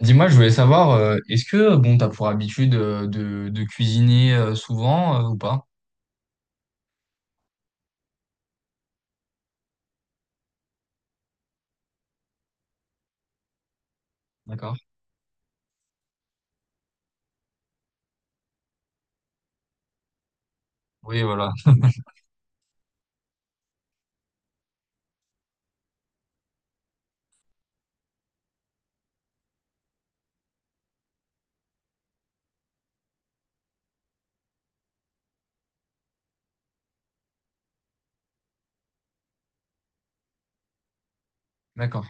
Dis-moi, je voulais savoir, est-ce que bon, t'as pour habitude de cuisiner souvent ou pas? D'accord. Oui, voilà. D'accord.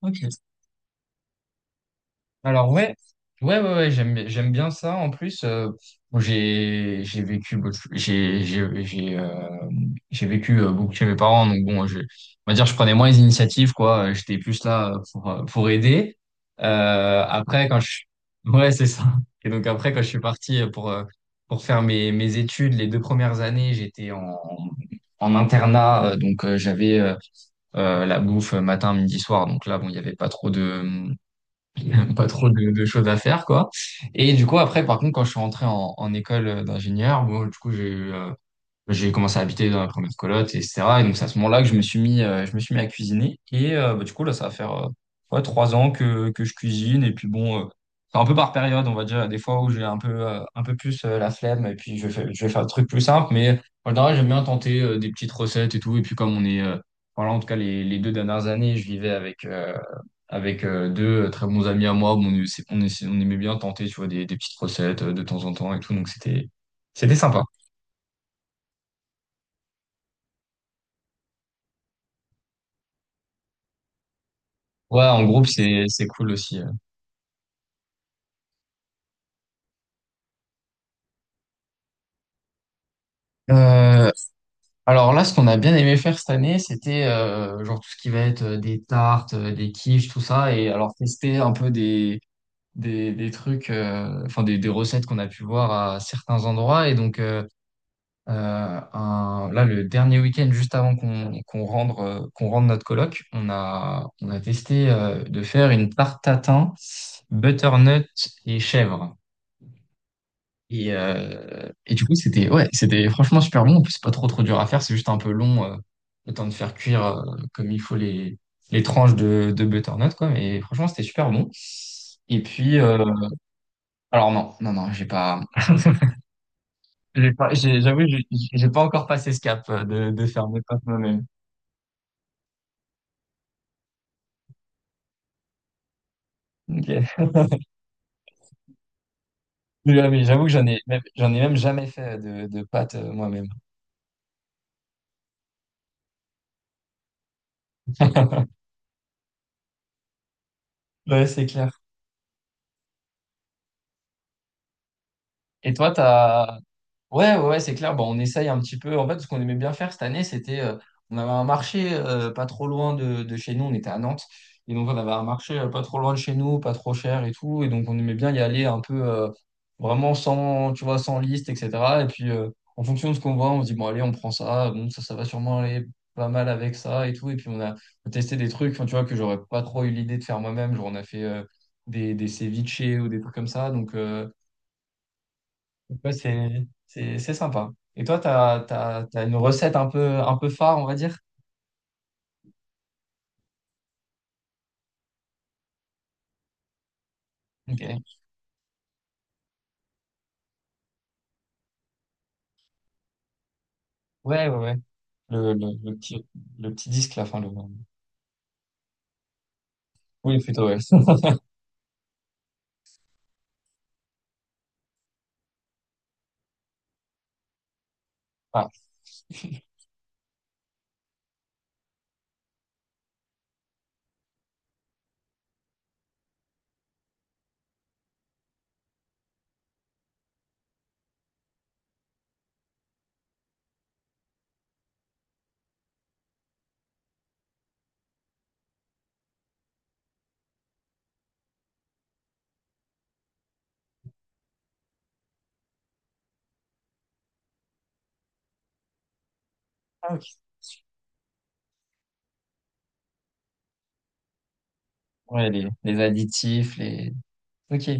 Ok. Alors ouais, ouais, ouais, ouais, j'aime bien ça. En plus, bon, j'ai vécu beaucoup chez mes parents. Donc bon, on va dire, je prenais moins les initiatives, quoi. J'étais plus là pour aider. Après, quand je, ouais, c'est ça. Et donc après, quand je suis parti pour faire mes études, les deux premières années, j'étais en internat. Donc j'avais la bouffe matin, midi, soir. Donc là, bon, il n'y avait pas trop de pas trop de choses à faire, quoi. Et du coup, après, par contre, quand je suis rentré en école d'ingénieur, bon, du coup, j'ai commencé à habiter dans la première coloc, et cetera. Et donc, c'est à ce moment-là que je me suis mis à cuisiner. Et bah, du coup, là, ça va faire ouais, trois ans que je cuisine. Et puis, bon, c'est un peu par période, on va dire. Il y a des fois où j'ai un peu plus la flemme. Et puis, je vais faire le truc plus simple. Mais en général, j'aime bien tenter des petites recettes et tout. Et puis, comme on est. Voilà, en tout cas, les deux dernières années, avec deux très bons amis à moi. Bon, on aimait bien tenter, tu vois, des petites recettes de temps en temps et tout. Donc, c'était sympa. Ouais, en groupe, c'est cool aussi. Euh, alors là, ce qu'on a bien aimé faire cette année, c'était genre tout ce qui va être des tartes, des quiches, tout ça, et alors tester un peu des trucs, enfin des recettes qu'on a pu voir à certains endroits. Et donc là, le dernier week-end juste avant qu'on rende notre colloque, on a testé de faire une tarte tatin, butternut et chèvre. Et du coup, c'était, ouais, c'était franchement super bon. En plus, c'est pas trop trop dur à faire, c'est juste un peu long, le temps de faire cuire comme il faut les tranches de butternut, quoi. Mais franchement, c'était super bon. Et puis, alors non, non, non, j'avoue, j'ai pas encore passé ce cap de faire mes pâtes moi-même. Ok. Mais ouais, mais j'avoue que j'en ai même jamais fait de pâtes moi-même. Ouais, c'est clair. Et toi, t'as. Ouais, ouais, ouais, c'est clair. Bon, on essaye un petit peu. En fait, ce qu'on aimait bien faire cette année, on avait un marché pas trop loin de chez nous. On était à Nantes. Et donc, on avait un marché pas trop loin de chez nous, pas trop cher et tout. Et donc, on aimait bien y aller un peu vraiment sans, tu vois, sans liste, etc. Et puis, en fonction de ce qu'on voit, on se dit, bon, allez, on prend ça. Bon, ça va sûrement aller pas mal avec ça et tout. Et puis, on a testé des trucs, enfin, tu vois, que j'aurais pas trop eu l'idée de faire moi-même. Genre, on a fait des ceviches ou des trucs comme ça. Donc, ouais, c'est sympa. Et toi, t'as une recette un peu phare, on va dire? Ok. Ouais, ouais, ouais. Le, le, le petit, le petit disque, la fin, le. Oui, plutôt, ouais. Ah, ah, ok. Ouais, les additifs, les. Ok.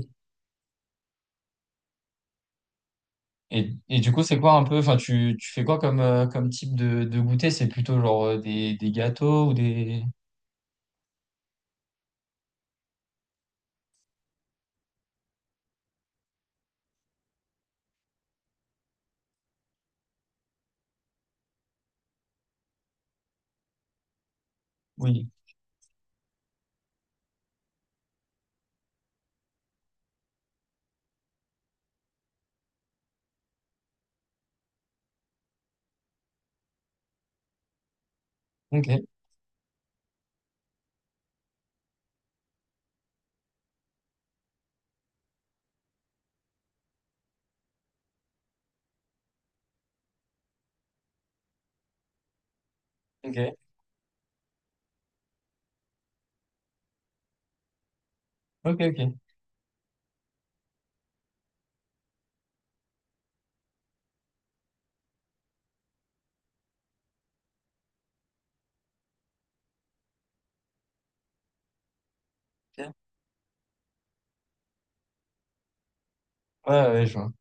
Et du coup, c'est quoi un peu. Enfin, tu fais quoi comme type de goûter? C'est plutôt genre des gâteaux ou des. Oui. Ok, ok. Ok, ok. Bien. Ouais, ouais, je vois.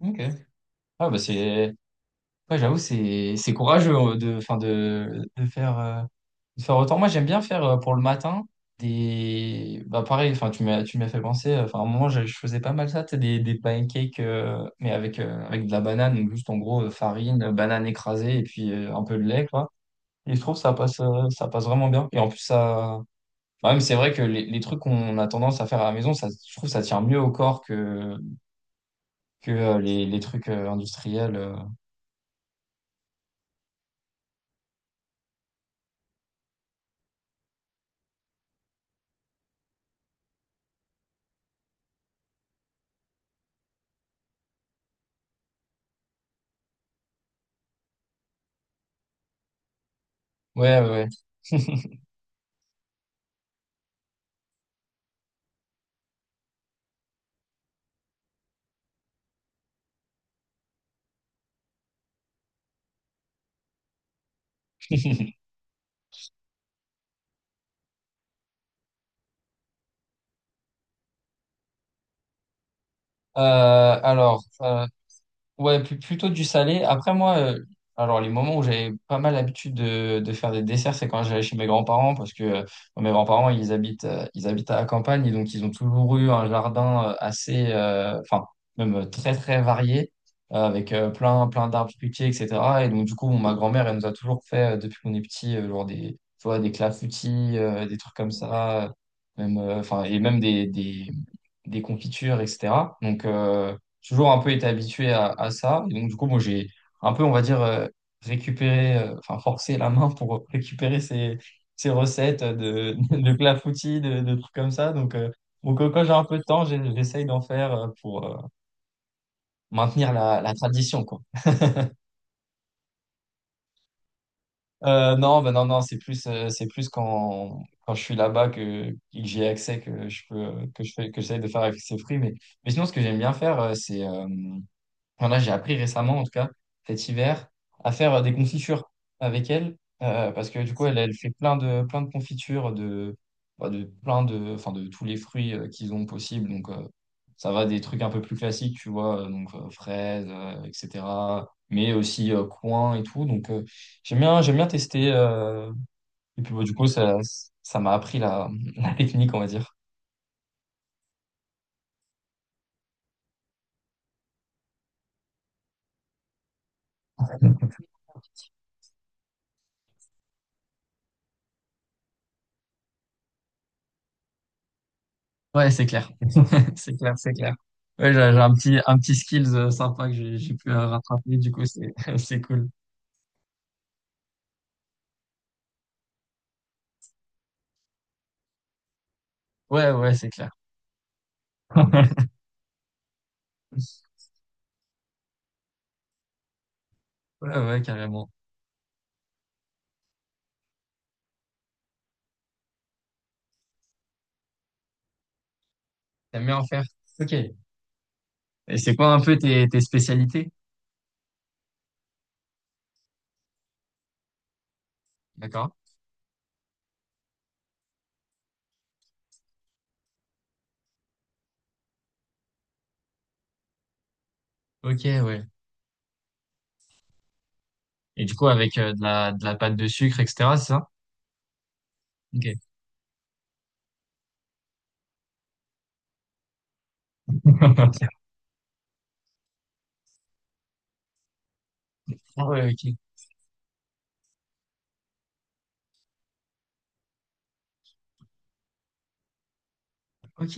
Ok. Ah, bah c'est. Ouais, j'avoue, c'est courageux enfin, de faire. De faire autant. Moi, j'aime bien faire pour le matin des. Bah, pareil, enfin, tu m'as fait penser. Enfin, à un moment, je faisais pas mal ça, tu sais, des pancakes, mais avec, avec de la banane, donc juste en gros, farine, banane écrasée et puis un peu de lait, quoi. Et je trouve que ça passe vraiment bien. Et en plus, ça. Bah, même, c'est vrai que les trucs qu'on a tendance à faire à la maison, ça, je trouve que ça tient mieux au corps que les trucs industriels. Ouais, ouais, ouais. Euh, alors, ouais, plutôt du salé. Après, moi, alors les moments où j'avais pas mal l'habitude de faire des desserts, c'est quand j'allais chez mes grands-parents, parce que mes grands-parents, ils habitent à la campagne, et donc ils ont toujours eu un jardin enfin, même très, très varié, avec plein, plein d'arbres fruitiers, etc. Et donc, du coup, ma grand-mère, elle nous a toujours fait, depuis qu'on est petit, genre des, tu vois, des clafoutis, des trucs comme ça, enfin, et même des, des confitures, etc. Donc, toujours un peu été habitué à ça. Et donc, du coup, moi, j'ai un peu, on va dire, récupéré, enfin, forcé la main pour récupérer ces recettes de, de clafoutis, de trucs comme ça. Donc, quand j'ai un peu de temps, j'essaye d'en faire pour maintenir la tradition, quoi. Non, ben non, non, c'est plus quand je suis là-bas que j'ai accès que je peux, que je fais, que j'essaie de faire avec ces fruits. Mais sinon, ce que j'aime bien faire, enfin, là, j'ai appris récemment, en tout cas, cet hiver, à faire des confitures avec elle, parce que du coup, elle, elle fait plein de confitures de, bah, de plein de, enfin, de tous les fruits qu'ils ont possible. Donc, ça va des trucs un peu plus classiques, tu vois, fraises, etc. Mais aussi coin et tout. Donc, j'aime bien tester. Et puis, bah, du coup, ça m'a appris la, la technique, on va dire. Ouais, c'est clair. C'est clair, c'est clair. Ouais, j'ai un petit skills sympa que j'ai pu rattraper, du coup, c'est, c'est cool. Ouais, ouais, c'est clair. Ouais, ouais, carrément. T'aimes bien en faire. Ok. Et c'est quoi un peu tes spécialités? D'accord. Ok, ouais. Et du coup, avec de la pâte de sucre, etc., c'est ça? Ok. Ah ouais, ok. Ok.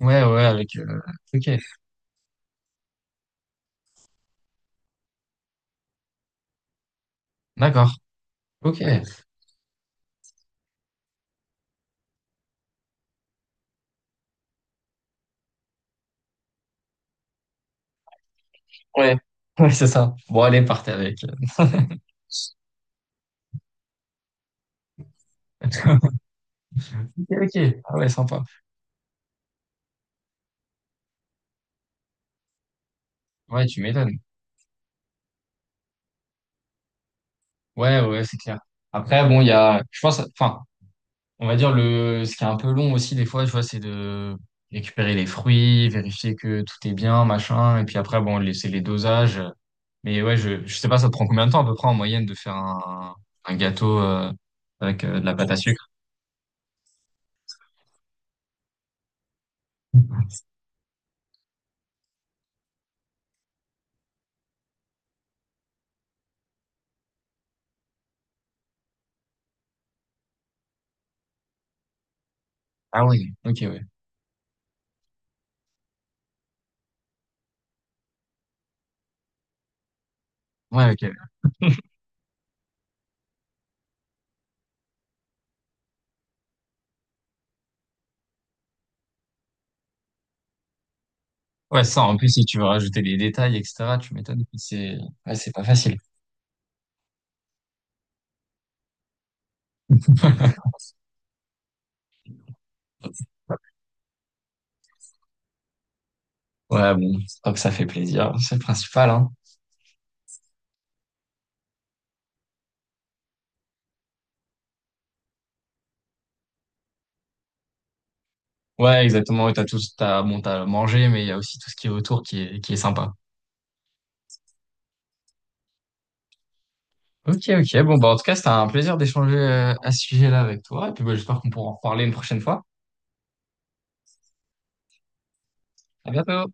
Ouais, ouais, avec, ok. D'accord. Ok. Ouais. Ouais, c'est ça. Bon, allez, partez avec. Ok, ok. Ah ouais, sympa. Ouais, tu m'étonnes. Ouais, ouais, c'est clair. Après, bon, il y a, je pense, enfin, on va dire ce qui est un peu long aussi des fois, tu vois, c'est de récupérer les fruits, vérifier que tout est bien, machin, et puis après, bon, laisser les dosages. Mais ouais, je sais pas, ça te prend combien de temps à peu près en moyenne de faire un gâteau avec de la pâte à sucre? Ah oui, ok, ouais. Ouais, ok. Ouais, ça, en plus, si tu veux rajouter les détails, etc., tu m'étonnes, c'est, ouais, c'est pas facile. Ouais, bon, tant que ça fait plaisir, c'est le principal, hein. Ouais, exactement. Et bon, t'as mangé, mais il y a aussi tout ce qui est autour qui est sympa. Ok, ok. Bon, bah, en tout cas, c'était un plaisir d'échanger à ce sujet-là avec toi. Et puis, bah, j'espère qu'on pourra en reparler une prochaine fois. À bientôt.